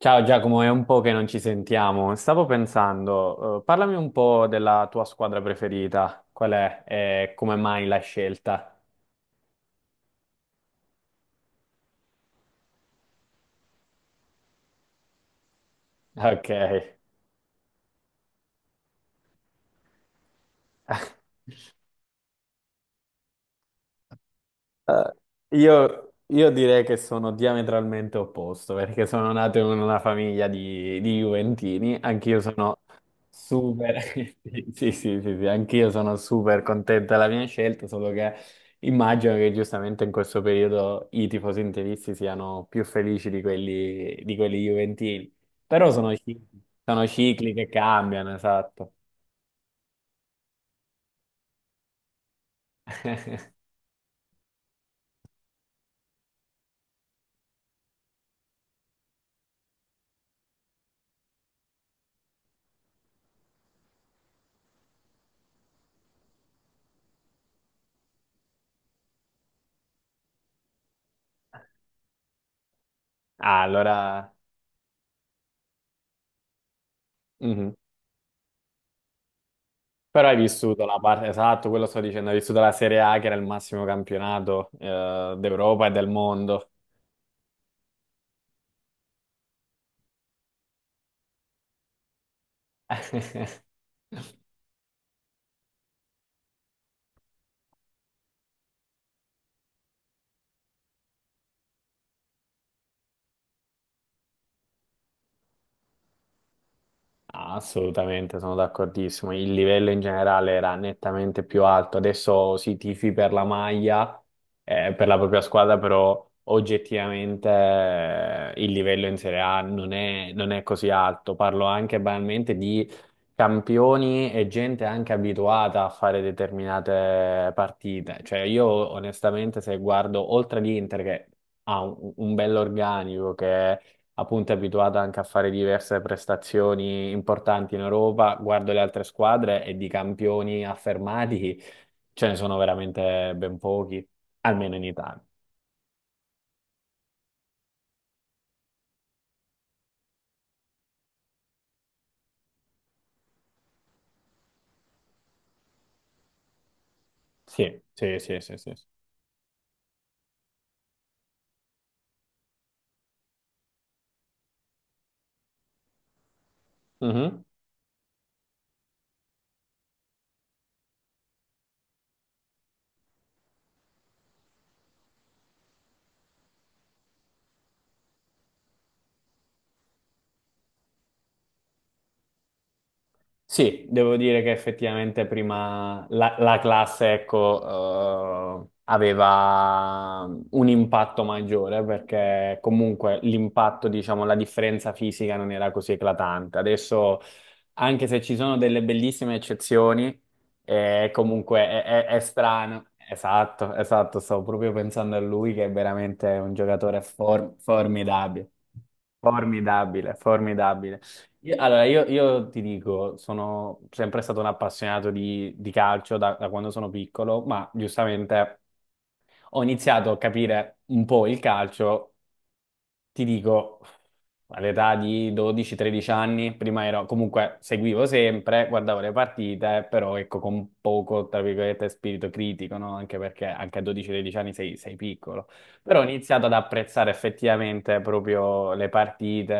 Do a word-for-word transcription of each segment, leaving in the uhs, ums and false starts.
Ciao Giacomo, è un po' che non ci sentiamo. Stavo pensando, eh, parlami un po' della tua squadra preferita. Qual è e come mai la scelta? Ok. Eh, io, io direi che sono diametralmente opposto perché sono nato in una famiglia di, di Juventini, anch'io sono super, sì, sì, sì, sì, anch'io sono super contento della mia scelta, solo che immagino che giustamente in questo periodo i tifosi interisti siano più felici di quelli, di quelli Juventini, però sono cicli, sono cicli che cambiano, esatto. Ah, allora... Mhm. Però hai vissuto la parte, esatto, quello sto dicendo, hai vissuto la Serie A che era il massimo campionato eh, d'Europa e del mondo. Assolutamente, sono d'accordissimo. Il livello in generale era nettamente più alto. Adesso si tifi per la maglia, eh, per la propria squadra, però oggettivamente eh, il livello in Serie A non è, non è così alto. Parlo anche banalmente di campioni e gente anche abituata a fare determinate partite. Cioè, io onestamente, se guardo oltre l'Inter, che ha un, un bell'organico, appunto è abituata anche a fare diverse prestazioni importanti in Europa, guardo le altre squadre e di campioni affermati ce ne sono veramente ben pochi, almeno in Italia. Sì, sì, sì, sì, sì. Sì. Mhm. Sì, devo dire che effettivamente prima la, la classe, ecco, eh, aveva mm, un impatto maggiore perché comunque l'impatto, diciamo, la differenza fisica non era così eclatante. Adesso, anche se ci sono delle bellissime eccezioni, eh, comunque è, è- è strano. Esatto, esatto, stavo proprio pensando a lui che è veramente un giocatore for- formidabile. Formidabile, formidabile. Io- Allora, io, io ti dico, sono sempre stato un appassionato di, di calcio da, da quando sono piccolo, ma giustamente ho iniziato a capire un po' il calcio ti dico, all'età di dodici tredici anni, prima ero, comunque seguivo sempre, guardavo le partite, però ecco con poco, tra virgolette, spirito critico, no? Anche perché anche a dodici tredici anni sei, sei piccolo. Però ho iniziato ad apprezzare effettivamente proprio le partite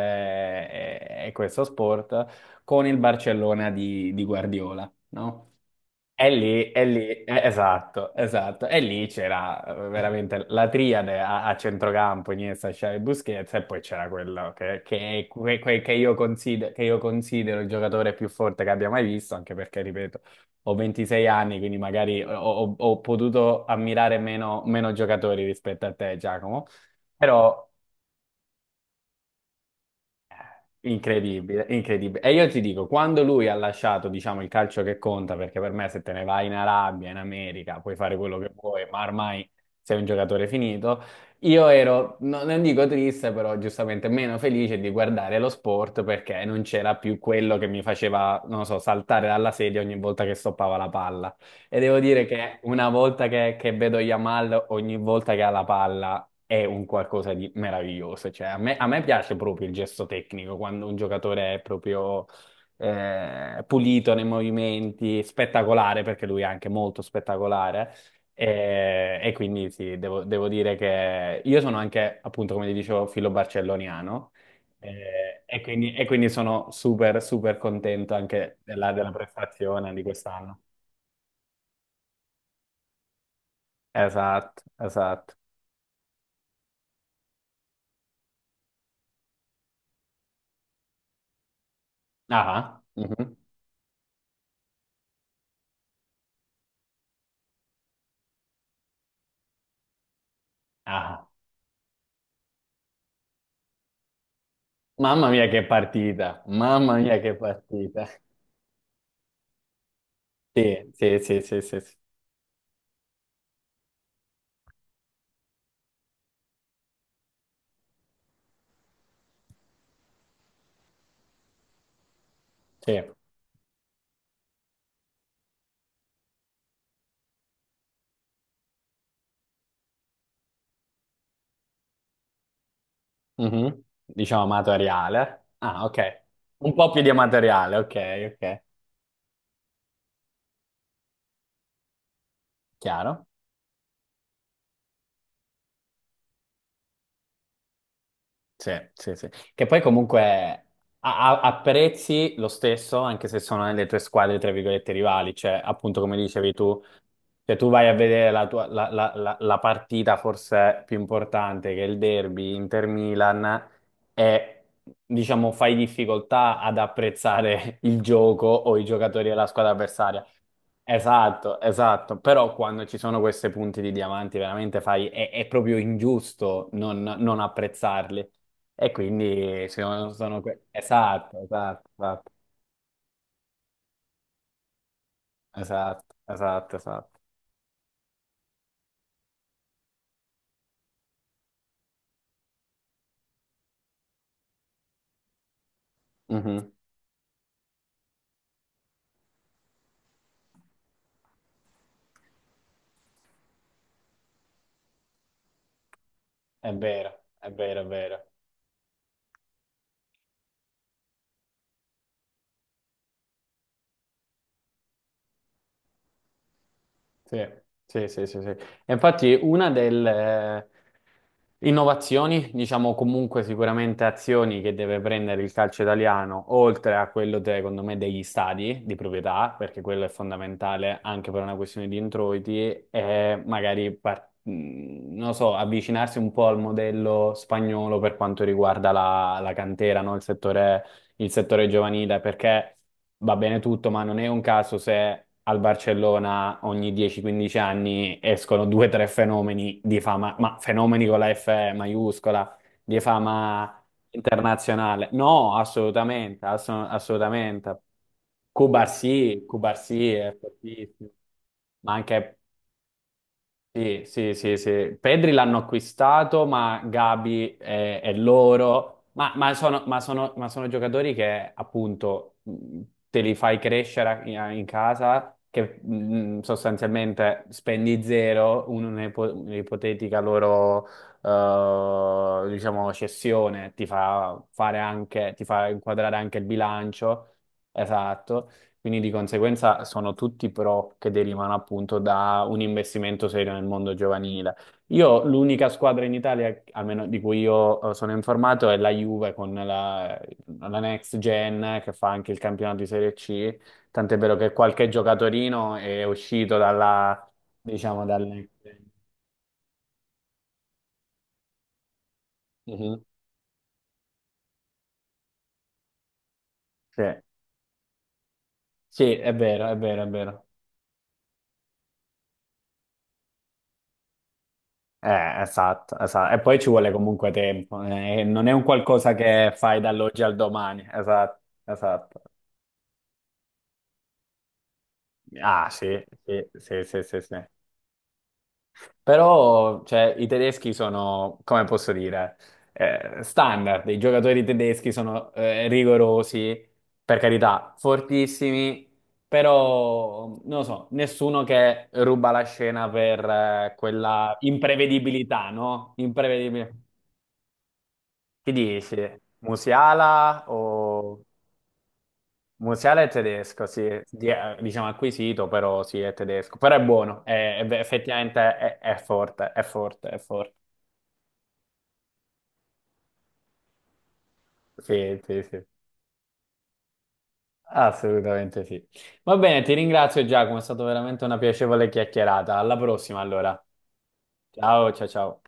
e, e questo sport con il Barcellona di, di Guardiola, no? E lì, e lì, eh, esatto, esatto. E lì c'era eh, veramente la triade a, a centrocampo, Iniesta, Xavi e Busquets, e poi c'era quello che, che è que- que- che io consider- che io considero il giocatore più forte che abbia mai visto, anche perché, ripeto, ho ventisei anni, quindi magari eh, ho, ho- ho potuto ammirare meno, meno giocatori rispetto a te, Giacomo. Però incredibile, incredibile. E io ti dico, quando lui ha lasciato, diciamo, il calcio che conta, perché per me se te ne vai in Arabia, in America, puoi fare quello che vuoi, ma ormai sei un giocatore finito, io ero, no- non dico triste, però giustamente meno felice di guardare lo sport perché non c'era più quello che mi faceva, non lo so, saltare dalla sedia ogni volta che stoppava la palla. E devo dire che una volta che, che vedo Yamal, ogni volta che ha la palla, è un qualcosa di meraviglioso. Cioè, a me, a me piace proprio il gesto tecnico, quando un giocatore è proprio eh, pulito nei movimenti, spettacolare, perché lui è anche molto spettacolare. E, e quindi sì, devo, devo dire che io sono anche, appunto, come ti dicevo, filo barcelloniano. eh, E, quindi, e quindi sono super, super contento anche della, della prestazione di quest'anno. Esatto, esatto. Ah, ah. Mhm. Ah. Ah. Mamma mia che partita, mamma mia che partita. Sì, sì, sì, sì, sì, sì. Sì. Mhm. Diciamo amatoriale. Ah, ok. Un po' più di amatoriale, ok, ok. Chiaro? Sì, sì, sì. Che poi comunque a- a- apprezzi lo stesso, anche se sono nelle tue squadre, tra virgolette, rivali. Cioè, appunto, come dicevi tu, se tu vai a vedere la, tua, la, la- la- la partita forse più importante, che è il derby Inter-Milan, e diciamo fai difficoltà ad apprezzare il gioco o i giocatori della squadra avversaria. Esatto, esatto, però quando ci sono questi punti di diamanti veramente fai, è, è proprio ingiusto non, non apprezzarli e quindi sono, sono que- esatto, esatto, esatto, esatto, esatto, esatto. Mhm. È vero, è vero, è vero. Sì, sì, sì, sì, sì. E infatti una delle innovazioni, diciamo comunque sicuramente azioni che deve prendere il calcio italiano, oltre a quello, de- secondo me, degli stadi di proprietà, perché quello è fondamentale anche per una questione di introiti, è magari, par- mh, non lo so, avvicinarsi un po' al modello spagnolo per quanto riguarda la, la cantera, no? Il settore il settore giovanile, perché va bene tutto, ma non è un caso se al Barcellona ogni dieci quindici anni escono due o tre fenomeni di fama, ma fenomeni con la F maiuscola, di fama internazionale. No, assolutamente, ass- assolutamente. Cubarsì, Cubarsì è fortissimo, ma anche sì, sì, sì, sì. Pedri l'hanno acquistato, ma Gabi è, è loro. Ma, ma sono, ma sono- ma sono giocatori che appunto mh, te li fai crescere in, in casa, che mh, sostanzialmente spendi zero, un- un'ipo- un'ipotetica loro eh, diciamo cessione ti fa fare anche, ti fa inquadrare anche il bilancio. Esatto. Quindi di conseguenza sono tutti pro che derivano appunto da un investimento serio nel mondo giovanile. Io l'unica squadra in Italia, almeno di cui io eh, sono informato, è la Juve con la, la Next Gen che fa anche il campionato di Serie C I. Tant'è vero che qualche giocatorino è uscito dalla, diciamo, dal Next gen Mhm. Sì. Sì, è vero, è vero, è vero. Eh, esatto, esatto. E poi ci vuole comunque tempo, eh, non è un qualcosa che fai dall'oggi al domani, esatto, esatto. Ah, sì, sì, sì, sì, sì, sì. Però, cioè, i tedeschi sono, come posso dire, eh, standard, i giocatori tedeschi sono eh, rigorosi, per carità, fortissimi, però, non lo so, nessuno che ruba la scena per eh, quella imprevedibilità, no? Imprevedibilità. Chi dici? Musiala o... Musiala è tedesco, sì. Di- eh, diciamo acquisito, però sì, è tedesco. Però è buono, è- è- effettivamente è, è forte, è forte, è forte. Sì, sì, sì, assolutamente sì. Va bene, ti ringrazio Giacomo, è stata veramente una piacevole chiacchierata. Alla prossima allora. Ciao, ciao, ciao.